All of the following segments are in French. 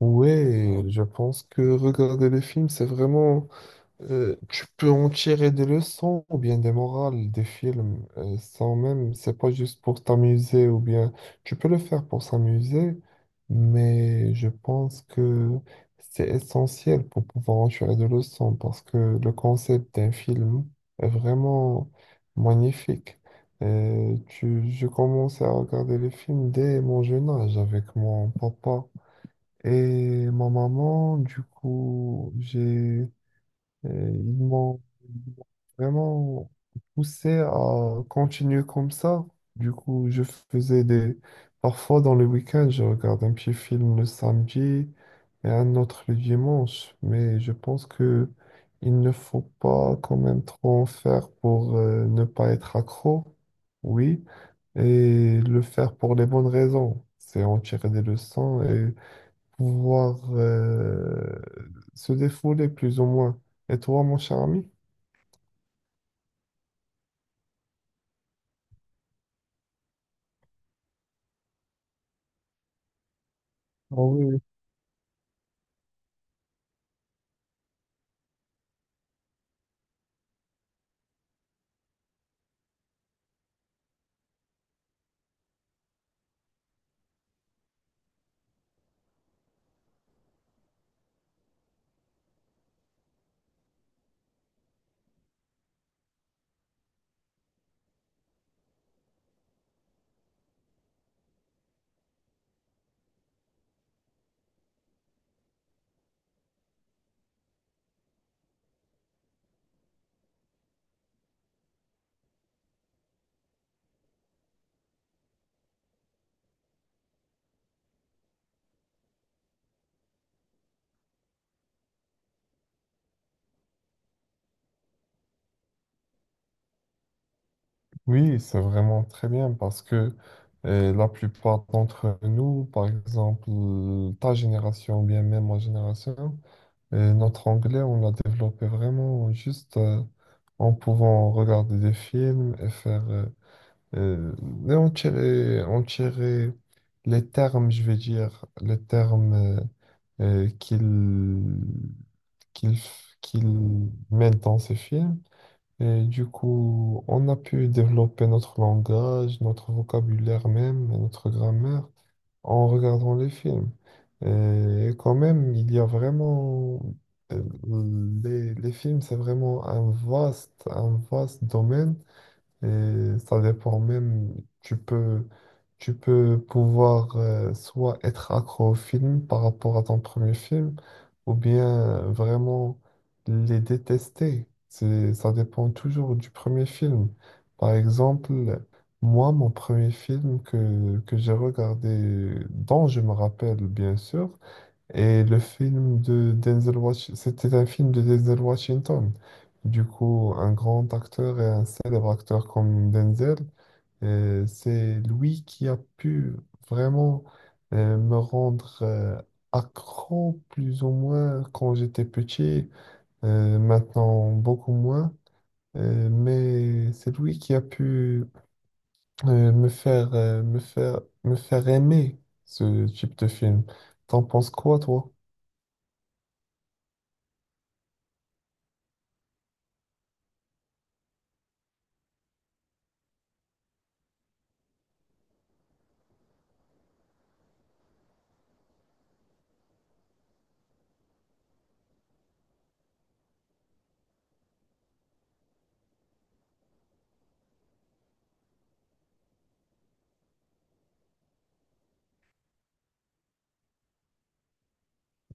Ouais, je pense que regarder les films, c'est vraiment tu peux en tirer des leçons ou bien des morales des films sans même... C'est pas juste pour t'amuser ou bien... Tu peux le faire pour s'amuser, mais je pense que c'est essentiel pour pouvoir en tirer des leçons parce que le concept d'un film est vraiment magnifique. Tu... Je commençais à regarder les films dès mon jeune âge avec mon papa. Et ma maman, du coup, j'ai, euh, ils m'ont ils m'ont vraiment poussé à continuer comme ça. Du coup, je faisais des... Parfois, dans le week-end, je regarde un petit film le samedi et un autre le dimanche. Mais je pense que il ne faut pas quand même trop en faire pour ne pas être accro, oui, et le faire pour les bonnes raisons. C'est en tirer des leçons, pouvoir se défouler plus ou moins. Et toi, mon cher ami? Ah oui, oui. Oui, c'est vraiment très bien parce que la plupart d'entre nous, par exemple ta génération ou bien même ma génération, notre anglais, on l'a développé vraiment juste en pouvant regarder des films et faire... euh, et en tirer les termes, je vais dire, les termes euh, qu'ils qu'il met dans ses films. Et du coup, on a pu développer notre langage, notre vocabulaire même, et notre grammaire en regardant les films. Et quand même, il y a vraiment... euh, les films, c'est vraiment un vaste domaine, et ça dépend même, tu peux, tu peux pouvoir soit être accro au film par rapport à ton premier film, ou bien vraiment les détester. C'est, ça dépend toujours du premier film. Par exemple, moi, mon premier film que j'ai regardé, dont je me rappelle bien sûr, et le film de Denzel Washington, c'était un film de Denzel Washington. Du coup, un grand acteur et un célèbre acteur comme Denzel, c'est lui qui a pu vraiment me rendre accro plus ou moins quand j'étais petit, maintenant beaucoup moins. Mais c'est lui qui a pu me faire aimer ce type de film. T'en penses quoi, toi?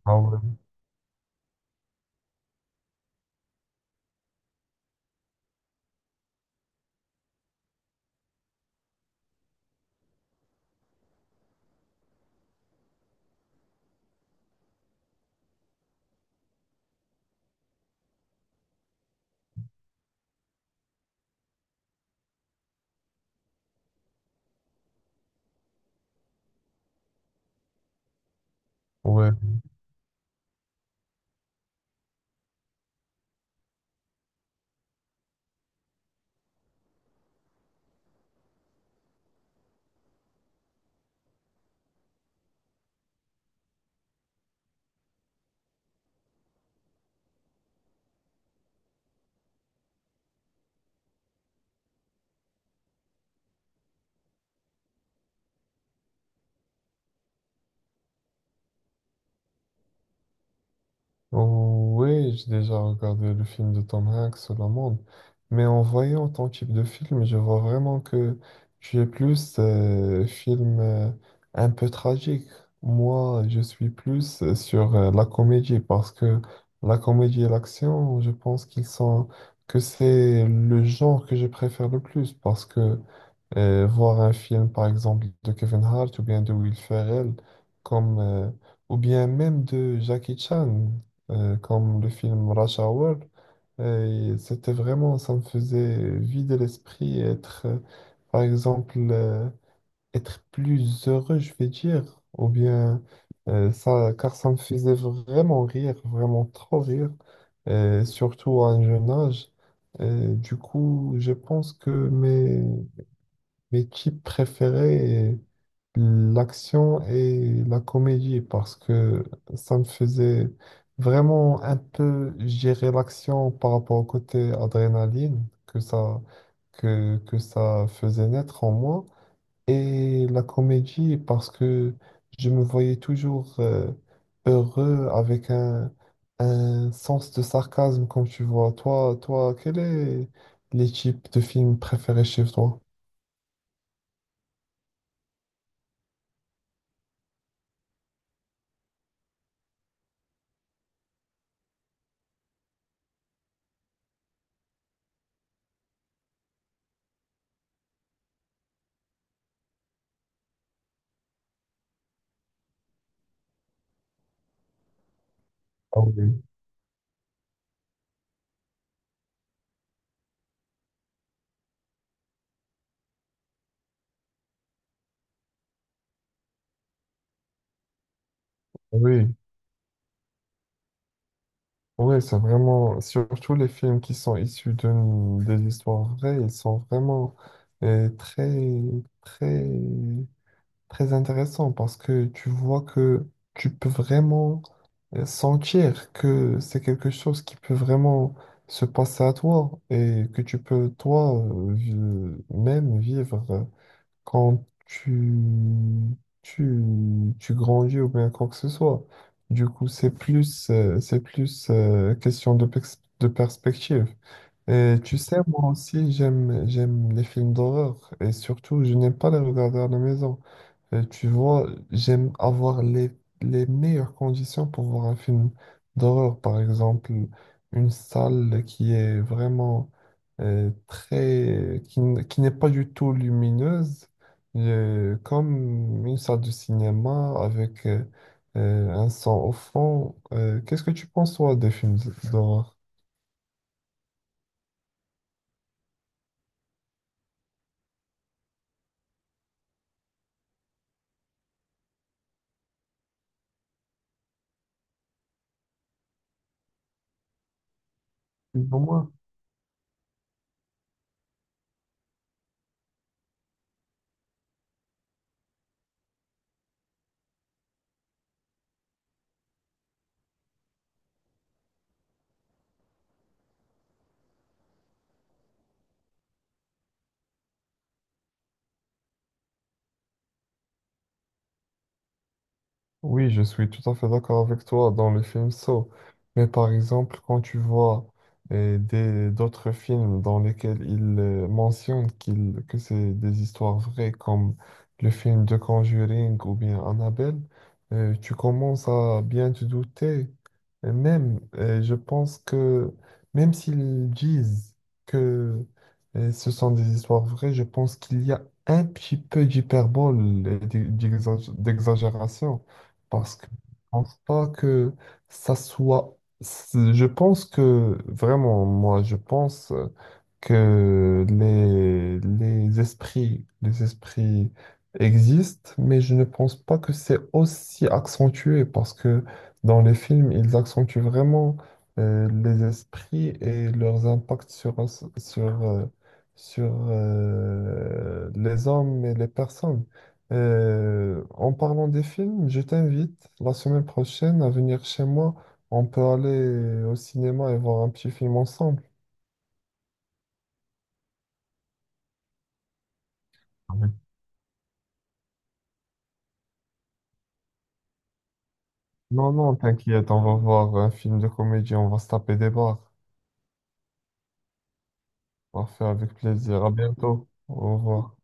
Ah ouais. Ouais. Oui, j'ai déjà regardé le film de Tom Hanks, sur La Monde, mais en voyant ton type de film, je vois vraiment que tu es plus film un peu tragique. Moi, je suis plus sur la comédie parce que la comédie et l'action, je pense qu'ils sont, que c'est le genre que je préfère le plus parce que voir un film, par exemple, de Kevin Hart ou bien de Will Ferrell, comme, ou bien même de Jackie Chan, comme le film Rush Hour. Et c'était vraiment, ça me faisait vider l'esprit et être, par exemple, être plus heureux, je vais dire, ou bien ça, car ça me faisait vraiment rire, vraiment trop rire, surtout à un jeune âge. Du coup, je pense que mes, mes types préférés, l'action et la comédie, parce que ça me faisait vraiment un peu gérer l'action par rapport au côté adrénaline que ça faisait naître en moi, et la comédie, parce que je me voyais toujours heureux avec un sens de sarcasme, comme tu vois. Toi, toi, quel est les types de films préférés chez toi? Ah oui. Oui, oui, c'est vraiment, surtout les films qui sont issus de, des histoires vraies, ils sont vraiment très, très, très intéressants parce que tu vois que tu peux vraiment sentir que c'est quelque chose qui peut vraiment se passer à toi et que tu peux toi même vivre quand tu grandis ou bien quoi que ce soit. Du coup, c'est plus question de, de perspective. Et tu sais, moi aussi, j'aime, j'aime les films d'horreur et surtout, je n'aime pas les regarder à la maison. Tu vois, j'aime avoir les meilleures conditions pour voir un film d'horreur, par exemple, une salle qui est vraiment très, qui, qui n'est pas du tout lumineuse, comme une salle de cinéma avec un son au fond. Qu'est-ce que tu penses, toi, des films d'horreur? Dis-moi. Oui, je suis tout à fait d'accord avec toi dans le film Saw. Mais par exemple, quand tu vois des, d'autres films dans lesquels ils mentionnent qu'il, que c'est des histoires vraies, comme le film de Conjuring ou bien Annabelle, tu commences à bien te douter. Et même, je pense que même s'ils disent que ce sont des histoires vraies, je pense qu'il y a un petit peu d'hyperbole et d'exagération. Parce que je pense pas que ça soit. Je pense que vraiment, moi, je pense. Que les esprits existent, mais je ne pense pas que c'est aussi accentué parce que dans les films, ils accentuent vraiment les esprits et leurs impacts sur, sur, sur les hommes et les personnes. En parlant des films, je t'invite la semaine prochaine à venir chez moi. On peut aller au cinéma et voir un petit film ensemble. Non, non, t'inquiète, on va voir un film de comédie, on va se taper des barres. Parfait, avec plaisir. À bientôt. Au revoir.